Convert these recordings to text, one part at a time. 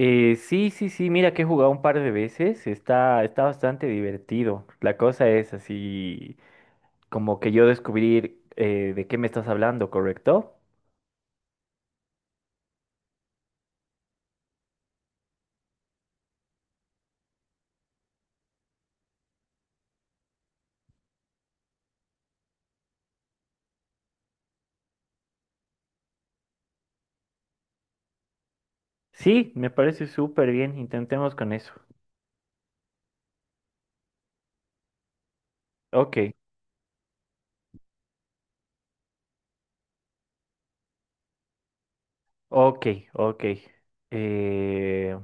Sí, sí, sí, mira que he jugado un par de veces, está bastante divertido. La cosa es así, como que yo descubrir de qué me estás hablando, ¿correcto? Sí, me parece súper bien, intentemos con eso. Ok, ok, ok. Eh,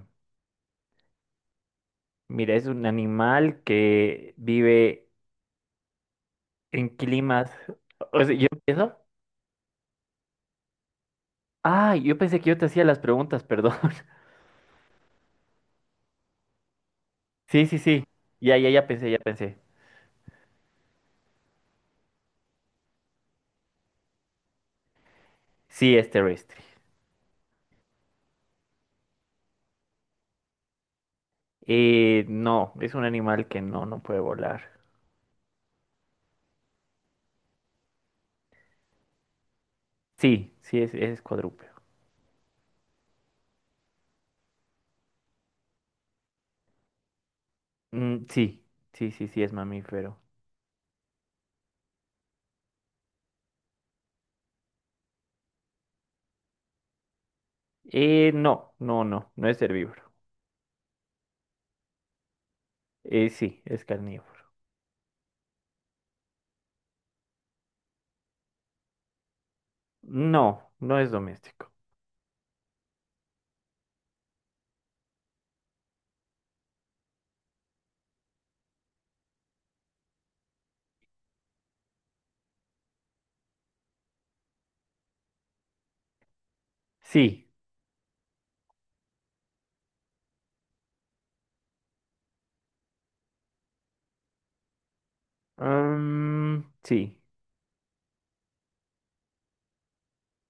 Mira, es un animal que vive en climas... O sea, ¿yo empiezo? Ah, yo pensé que yo te hacía las preguntas, perdón. Sí, sí, sí, ya, ya, ya pensé, ya pensé. Sí, es terrestre. No, es un animal que no puede volar. Sí, sí es cuadrúpedo. Mm, sí, sí, sí, sí es mamífero. No, no, no, no es herbívoro. Sí, es carnívoro. No, no es doméstico. Sí, mm, sí,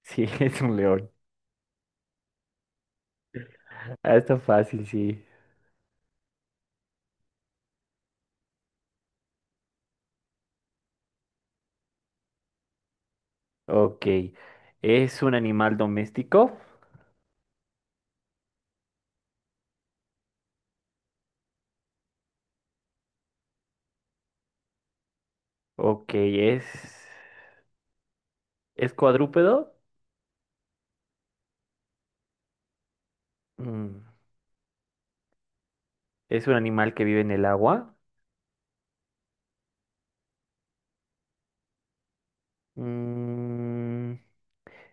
sí, es un león. Ah, está fácil, sí. Ok, ¿es un animal doméstico? Ok, ¿es cuadrúpedo? Mm, ¿Es un animal que vive en el agua? Mm,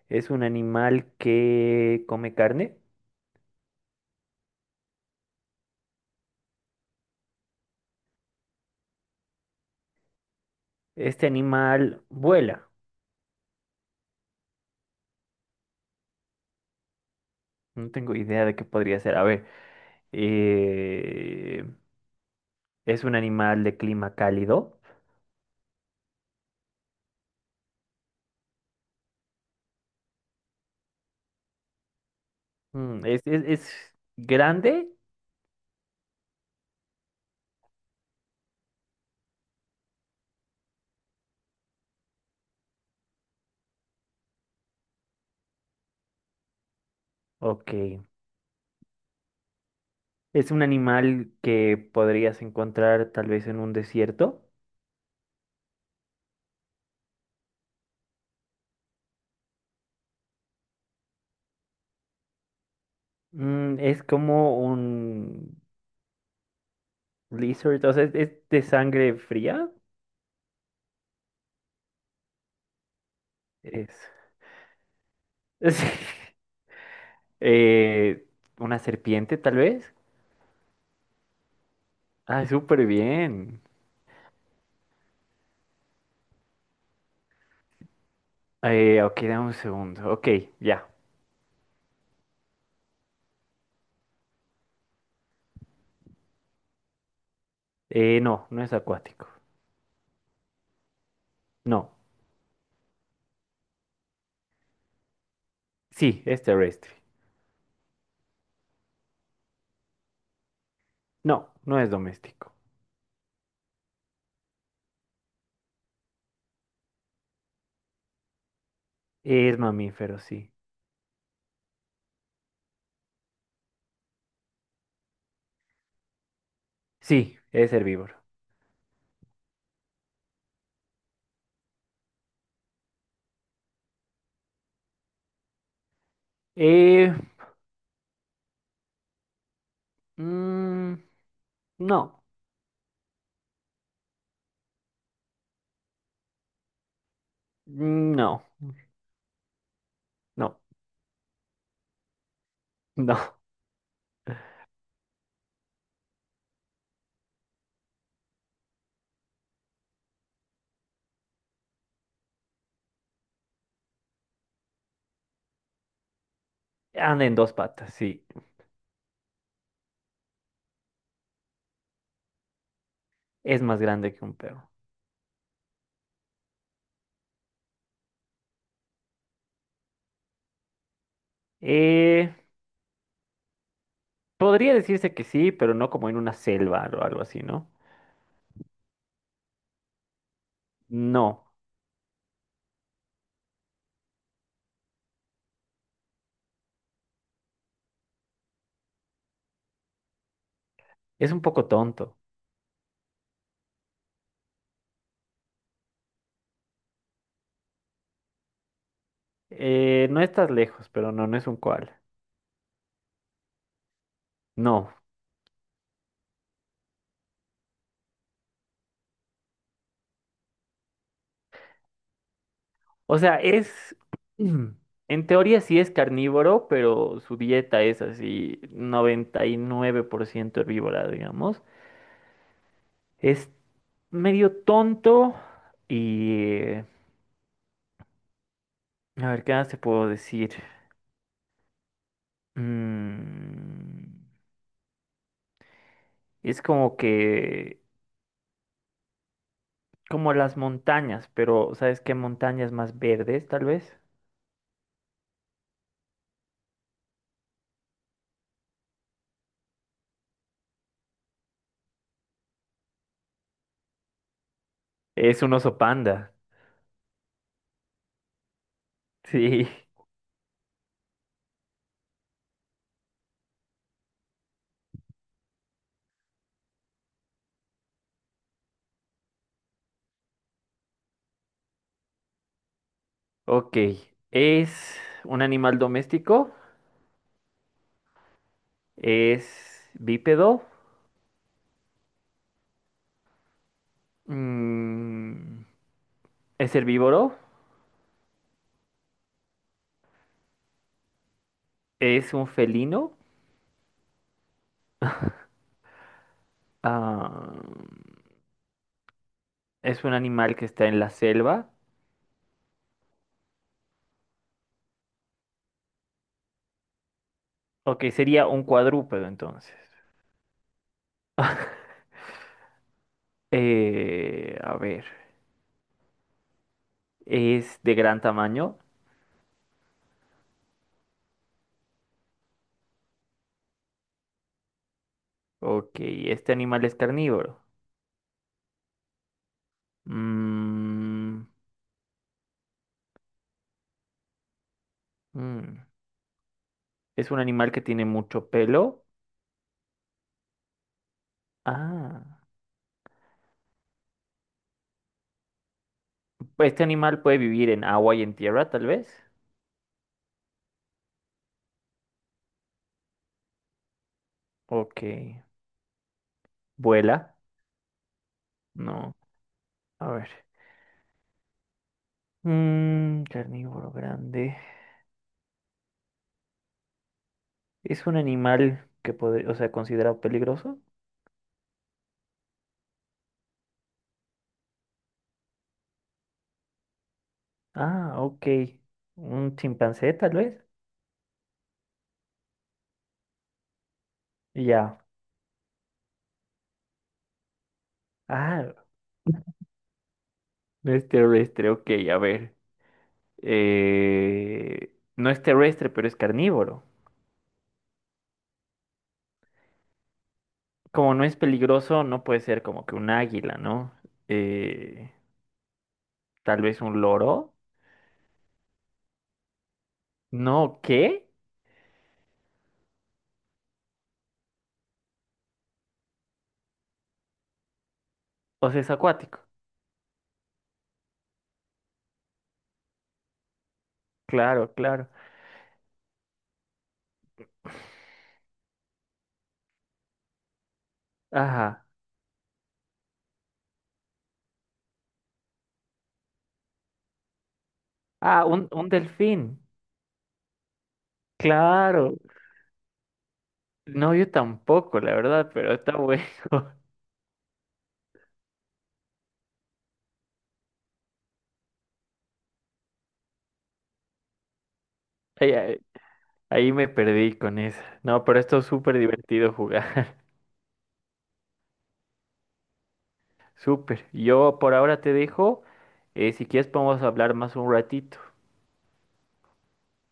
Es un animal que come carne. Este animal vuela. No tengo idea de qué podría ser. A ver, eh, es un animal de clima cálido. Mm, ¿Es grande? Ok. ¿Es un animal que podrías encontrar tal vez en un desierto? Mm, ¿es como un lizard? O sea, ¿es de sangre fría? Es. Sí. Eh, ¿Una serpiente tal vez? Ah, súper bien. Ok, dame un segundo. Ok, ya. No, no es acuático. No. Sí, es terrestre. No, no es doméstico. Es mamífero, sí. Sí, es herbívoro. Eh, mm, no. Mm, no. No. No. Anda en dos patas, sí. Es más grande que un perro. Eh, Podría decirse que sí, pero no como en una selva o algo así, ¿no? No. Es un poco tonto. No estás lejos, pero no es un koala. No. O sea, es. En teoría sí es carnívoro, pero su dieta es así 99% herbívora, digamos. Es medio tonto y... eh, a ver, ¿qué más te puedo decir? Mm, es como que... Como las montañas, pero ¿sabes qué montañas más verdes, tal vez? Es un oso panda. Sí. Ok. Es un animal doméstico. Es bípedo. Mm, es herbívoro. Es un felino. Ah, es un animal que está en la selva. Ok, sería un cuadrúpedo entonces. A ver. Es de gran tamaño. Ok, este animal es carnívoro. Mm, mm, es un animal que tiene mucho pelo. Ah, pues este animal puede vivir en agua y en tierra, tal vez. Ok, vuela. No, a ver. Mm, carnívoro grande. ¿Es un animal que puede, o sea, considerado peligroso? Ah, ok. Un chimpancé, tal vez. Ya. Ah, no es terrestre, ok, a ver. No es terrestre, pero es carnívoro. Como no es peligroso, no puede ser como que un águila, ¿no? Eh, tal vez un loro. No, ¿qué? O sea, es acuático. Claro, claro. Ajá. Ah, un delfín. Claro. No, yo tampoco, la verdad, pero está bueno. Ahí, ahí- ahí me perdí con esa. No, pero esto es súper divertido jugar. Súper. Yo por ahora te dejo. Si quieres podemos hablar más un ratito.